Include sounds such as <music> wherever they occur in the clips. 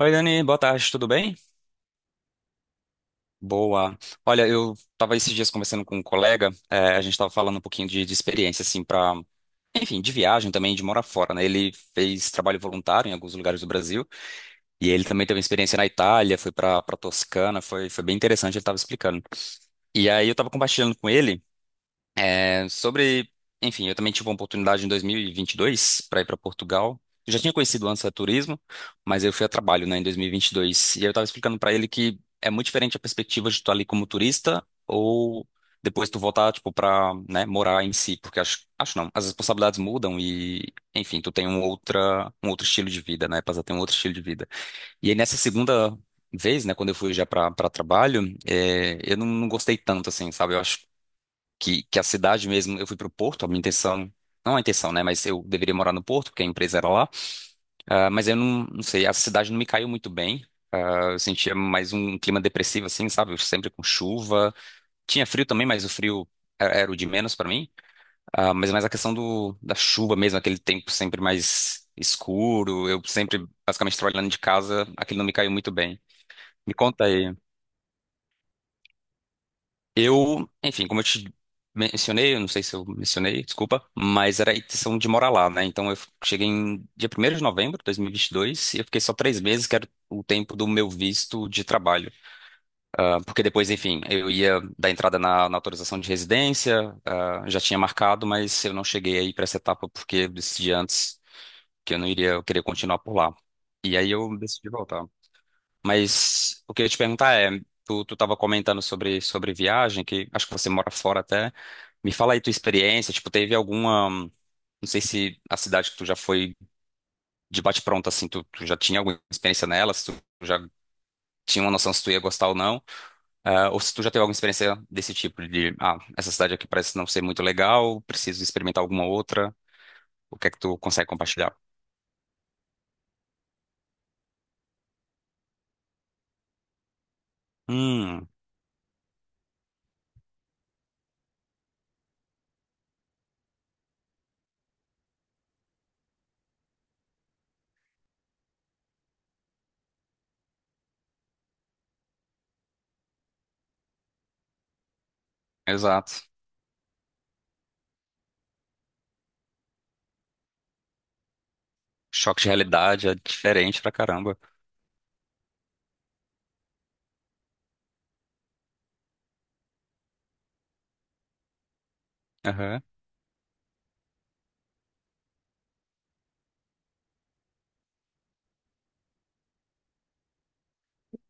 Oi, Dani, boa tarde, tudo bem? Boa. Olha, eu tava esses dias conversando com um colega, a gente tava falando um pouquinho de experiência, assim, enfim, de viagem também, de morar fora, né? Ele fez trabalho voluntário em alguns lugares do Brasil, e ele também teve uma experiência na Itália, foi pra Toscana, foi bem interessante, ele tava explicando. E aí eu tava compartilhando com ele. É, Sobre, enfim, eu também tive uma oportunidade em 2022 para ir para Portugal. Eu já tinha conhecido antes a turismo, mas eu fui a trabalho, né, em 2022. E vinte e dois. E aí eu estava explicando para ele que é muito diferente a perspectiva de tu tá ali como turista ou depois tu voltar, tipo, para, né, morar em si, porque acho, acho não, as responsabilidades mudam e, enfim, tu tem um outro estilo de vida, né, passa a ter um outro estilo de vida. E aí nessa segunda vez, né, quando eu fui já para trabalho, eu não gostei tanto, assim, sabe? Eu acho que a cidade mesmo, eu fui pro Porto, a minha intenção, não a intenção, né, mas eu deveria morar no Porto, porque a empresa era lá. Ah, mas eu não sei, a cidade não me caiu muito bem. Ah, eu sentia mais um clima depressivo assim, sabe, sempre com chuva, tinha frio também, mas o frio era o de menos pra mim. Ah, mas é mais a questão da chuva mesmo, aquele tempo sempre mais escuro, eu sempre basicamente trabalhando de casa, aquilo não me caiu muito bem. Me conta aí. Eu, enfim, como eu te mencionei, eu não sei se eu mencionei, desculpa, mas era a intenção de morar lá, né? Então eu cheguei em dia primeiro de novembro de 2022 e vinte e dois e eu fiquei só 3 meses, que era o tempo do meu visto de trabalho. Ah, porque depois, enfim, eu ia dar entrada na autorização de residência, já tinha marcado, mas eu não cheguei aí para essa etapa porque eu decidi antes que eu não iria, eu queria continuar por lá. E aí eu decidi voltar. Mas o que eu ia te perguntar é, tu tava comentando sobre viagem, que acho que você mora fora até. Me fala aí tua experiência, tipo, teve alguma, não sei se a cidade que tu já foi de bate-pronto, assim, tu já tinha alguma experiência nela, se tu já tinha uma noção se tu ia gostar ou não, ou se tu já teve alguma experiência desse tipo, essa cidade aqui parece não ser muito legal, preciso experimentar alguma outra, o que é que tu consegue compartilhar? Hum, exato. Choque de realidade é diferente pra caramba.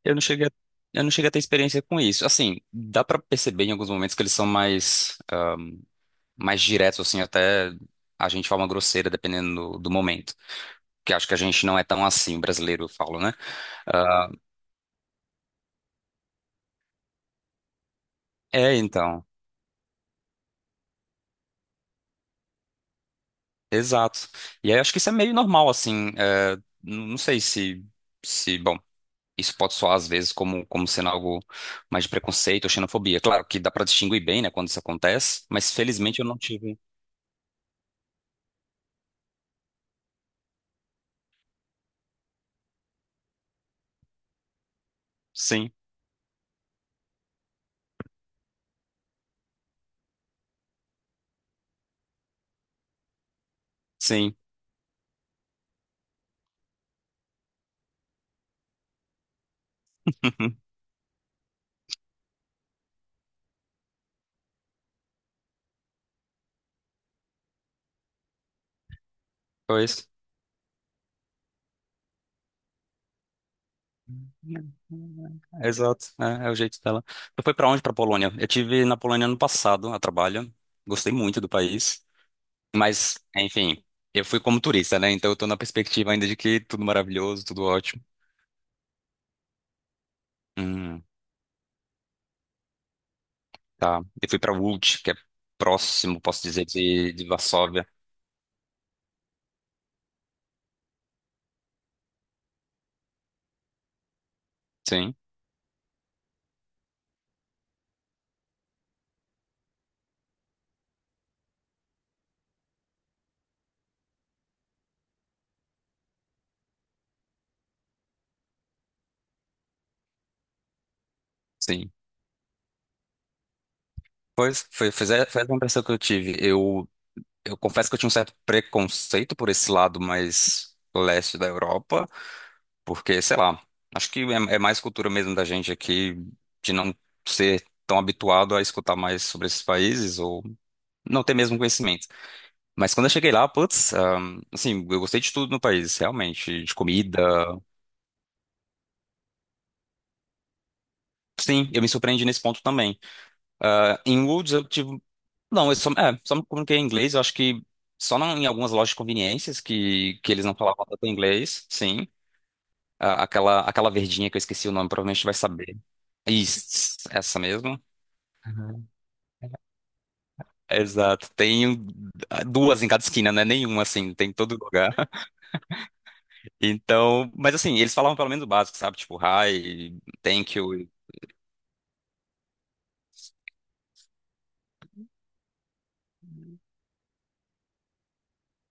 Eu não cheguei a, eu não cheguei a ter experiência com isso. Assim, dá pra perceber em alguns momentos que eles são mais diretos, assim, até a gente fala uma grosseira, dependendo do momento. Que acho que a gente não é tão assim, o brasileiro, eu falo, né? Ah, é, então. Exato. E aí acho que isso é meio normal, assim. Não sei se, bom, isso pode soar às vezes como, como sendo algo mais de preconceito ou xenofobia. Claro que dá pra distinguir bem, né, quando isso acontece, mas felizmente eu não tive. Sim, sim. <laughs> Pois. É, exato, é o jeito dela. Tu foi pra onde? Pra Polônia? Eu tive na Polônia ano passado, a trabalho. Gostei muito do país, mas enfim, eu fui como turista, né? Então eu tô na perspectiva ainda de que tudo maravilhoso, tudo ótimo. Hum, tá. Eu fui pra Łódź, que é próximo, posso dizer, de Varsóvia. Sim, sim. Pois foi essa a impressão que eu tive. Eu confesso que eu tinha um certo preconceito por esse lado mais leste da Europa. Porque, sei lá, acho que é mais cultura mesmo da gente aqui de não ser tão habituado a escutar mais sobre esses países ou não ter mesmo conhecimento. Mas quando eu cheguei lá, putz, assim, eu gostei de tudo no país, realmente, de comida. Sim, eu me surpreendi nesse ponto também. Ah, em Woods eu tive. Não, eu só me comuniquei em inglês, eu acho que só não, em algumas lojas de conveniências que eles não falavam tanto inglês, sim. Ah, aquela verdinha que eu esqueci o nome, provavelmente vai saber. Isso, essa mesmo. Exato. Tem duas em cada esquina, né? Nenhuma, assim, tem em todo lugar. Então, mas assim, eles falavam pelo menos o básico, sabe? Tipo, hi, thank you.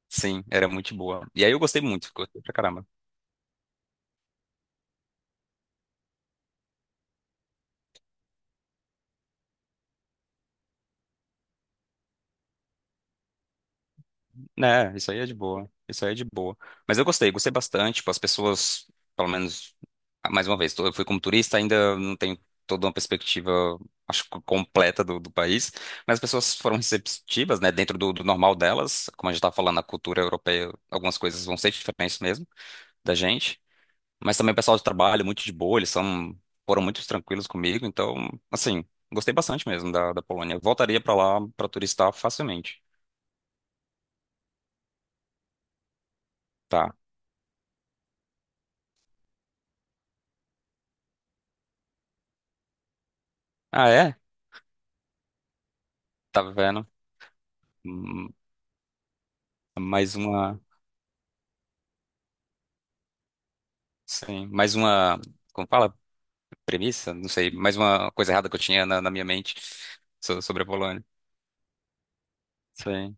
Sim, era muito boa. E aí eu gostei muito, gostei pra caramba. Né, isso aí é de boa. Isso aí é de boa. Mas eu gostei, gostei bastante. Tipo, as pessoas, pelo menos, mais uma vez, eu fui como turista, ainda não tenho toda uma perspectiva, acho que completa do país. Mas as pessoas foram receptivas, né? Dentro do normal delas, como a gente estava falando, a cultura europeia, algumas coisas vão ser diferentes mesmo da gente. Mas também o pessoal de trabalho, muito de boa, eles são, foram muito tranquilos comigo. Então, assim, gostei bastante mesmo da Polônia. Eu voltaria pra lá pra turistar facilmente. Tá. Ah, é? Tá vendo? Hum, Mais uma, sim, mais uma, como fala? Premissa? Não sei, mais uma coisa errada que eu tinha na minha mente sobre a Polônia. Sim.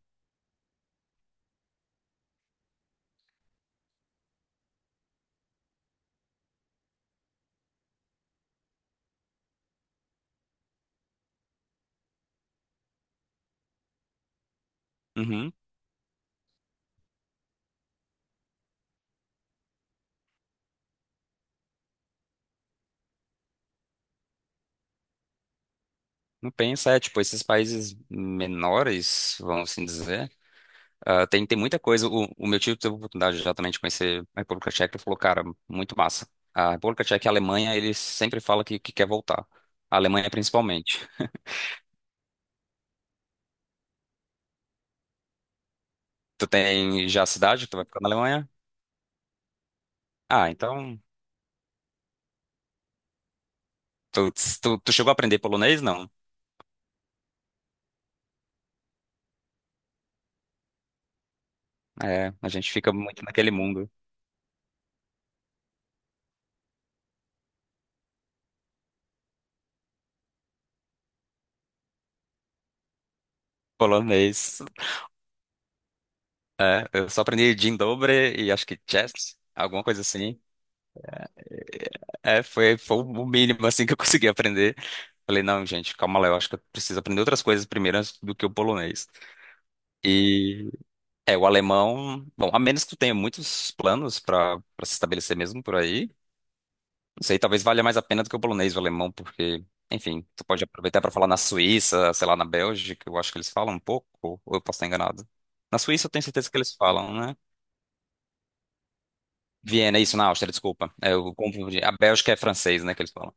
Uhum. Não pensa, tipo, esses países menores, vamos assim dizer. Ah, tem muita coisa. O meu tio teve a oportunidade já também de conhecer a República Tcheca e falou, cara, muito massa. A República Tcheca e a Alemanha, eles sempre falam que quer voltar. A Alemanha principalmente. Tu tem já a cidade que tu vai ficar na Alemanha? Ah, então. Tu, tu chegou a aprender polonês? Não. É, a gente fica muito naquele mundo. Polonês. Eu só aprendi Dzień dobry e acho que chess alguma coisa assim. É, foi o mínimo assim que eu consegui aprender. Falei, não, gente, calma lá, eu acho que eu preciso aprender outras coisas primeiro antes do que o polonês. E é o alemão, bom, a menos que tu tenha muitos planos para se estabelecer mesmo por aí, não sei, talvez valha mais a pena do que o polonês e o alemão, porque, enfim, tu pode aproveitar para falar na Suíça, sei lá, na Bélgica, eu acho que eles falam um pouco, ou eu posso estar enganado. Na Suíça eu tenho certeza que eles falam, né? Viena, isso, na Áustria, desculpa. Eu confundi. A Bélgica é francês, né, que eles falam.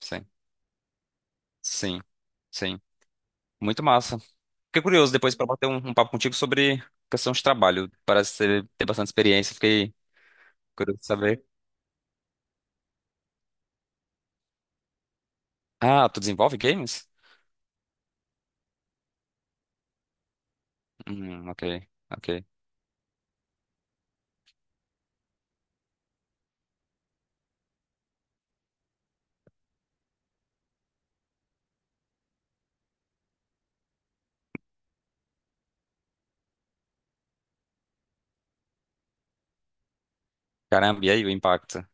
Sim, sim, sim. Muito massa. Fiquei curioso depois para bater um papo contigo sobre questão de trabalho. Parece ter bastante experiência, fiquei curioso de saber. Ah, tu desenvolve games? Ok, ok. Caramba, e aí o impacto?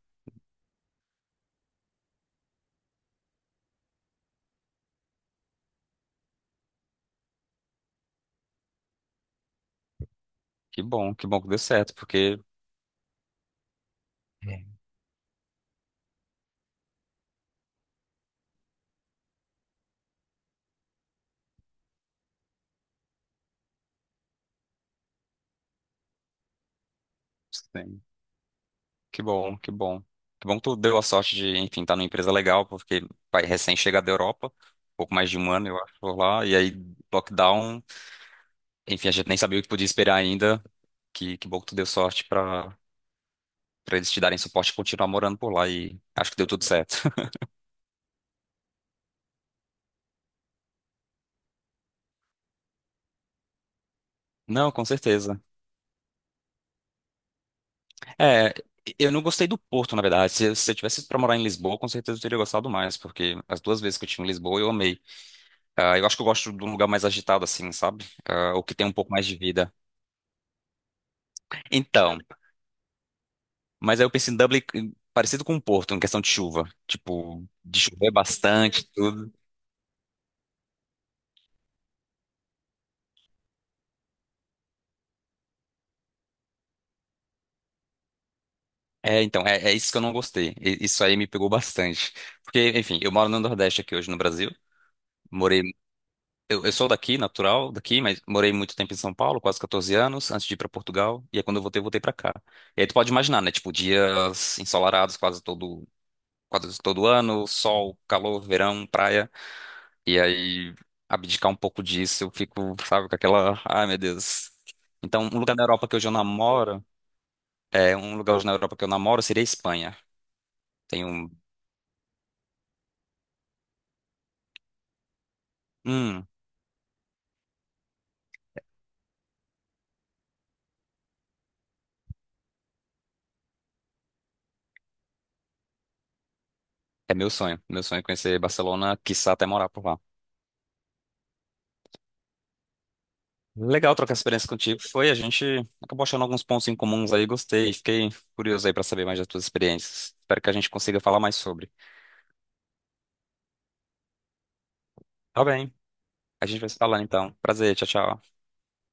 Que bom, que bom que deu certo, porque sim, que bom, que bom. Que bom que tu deu a sorte de, enfim, estar numa empresa legal, porque vai recém chegar da Europa, pouco mais de um ano, eu acho, por lá, e aí lockdown, enfim, a gente nem sabia o que podia esperar ainda. Que bom que tu deu sorte pra para eles te darem suporte e continuar morando por lá, e acho que deu tudo certo. <laughs> Não, com certeza. É, eu não gostei do Porto, na verdade. Se eu tivesse pra morar em Lisboa, com certeza eu teria gostado mais, porque as duas vezes que eu tive em Lisboa eu amei. Ah, eu acho que eu gosto de um lugar mais agitado, assim, sabe? Ah, o que tem um pouco mais de vida. Então, mas aí eu pensei em Dublin, parecido com o Porto, em questão de chuva. Tipo, de chover bastante, tudo. É, então, é isso que eu não gostei. Isso aí me pegou bastante. Porque, enfim, eu moro no Nordeste aqui hoje no Brasil. morei eu sou daqui, natural, daqui, mas morei muito tempo em São Paulo, quase 14 anos, antes de ir pra Portugal. E aí quando eu voltei pra cá. E aí tu pode imaginar, né? Tipo, dias ensolarados quase todo ano, sol, calor, verão, praia. E aí abdicar um pouco disso, eu fico, sabe, com aquela, ai meu Deus. Então, um lugar na Europa que hoje eu namoro, é um lugar hoje na Europa que eu namoro seria a Espanha. Tem um, hum, É meu sonho é conhecer Barcelona, quiçá até morar por lá. Legal trocar experiência contigo. A gente acabou achando alguns pontos em comuns aí, gostei. Fiquei curioso aí pra saber mais das tuas experiências. Espero que a gente consiga falar mais sobre. Tá bem, a gente vai se falando então. Prazer, tchau, tchau.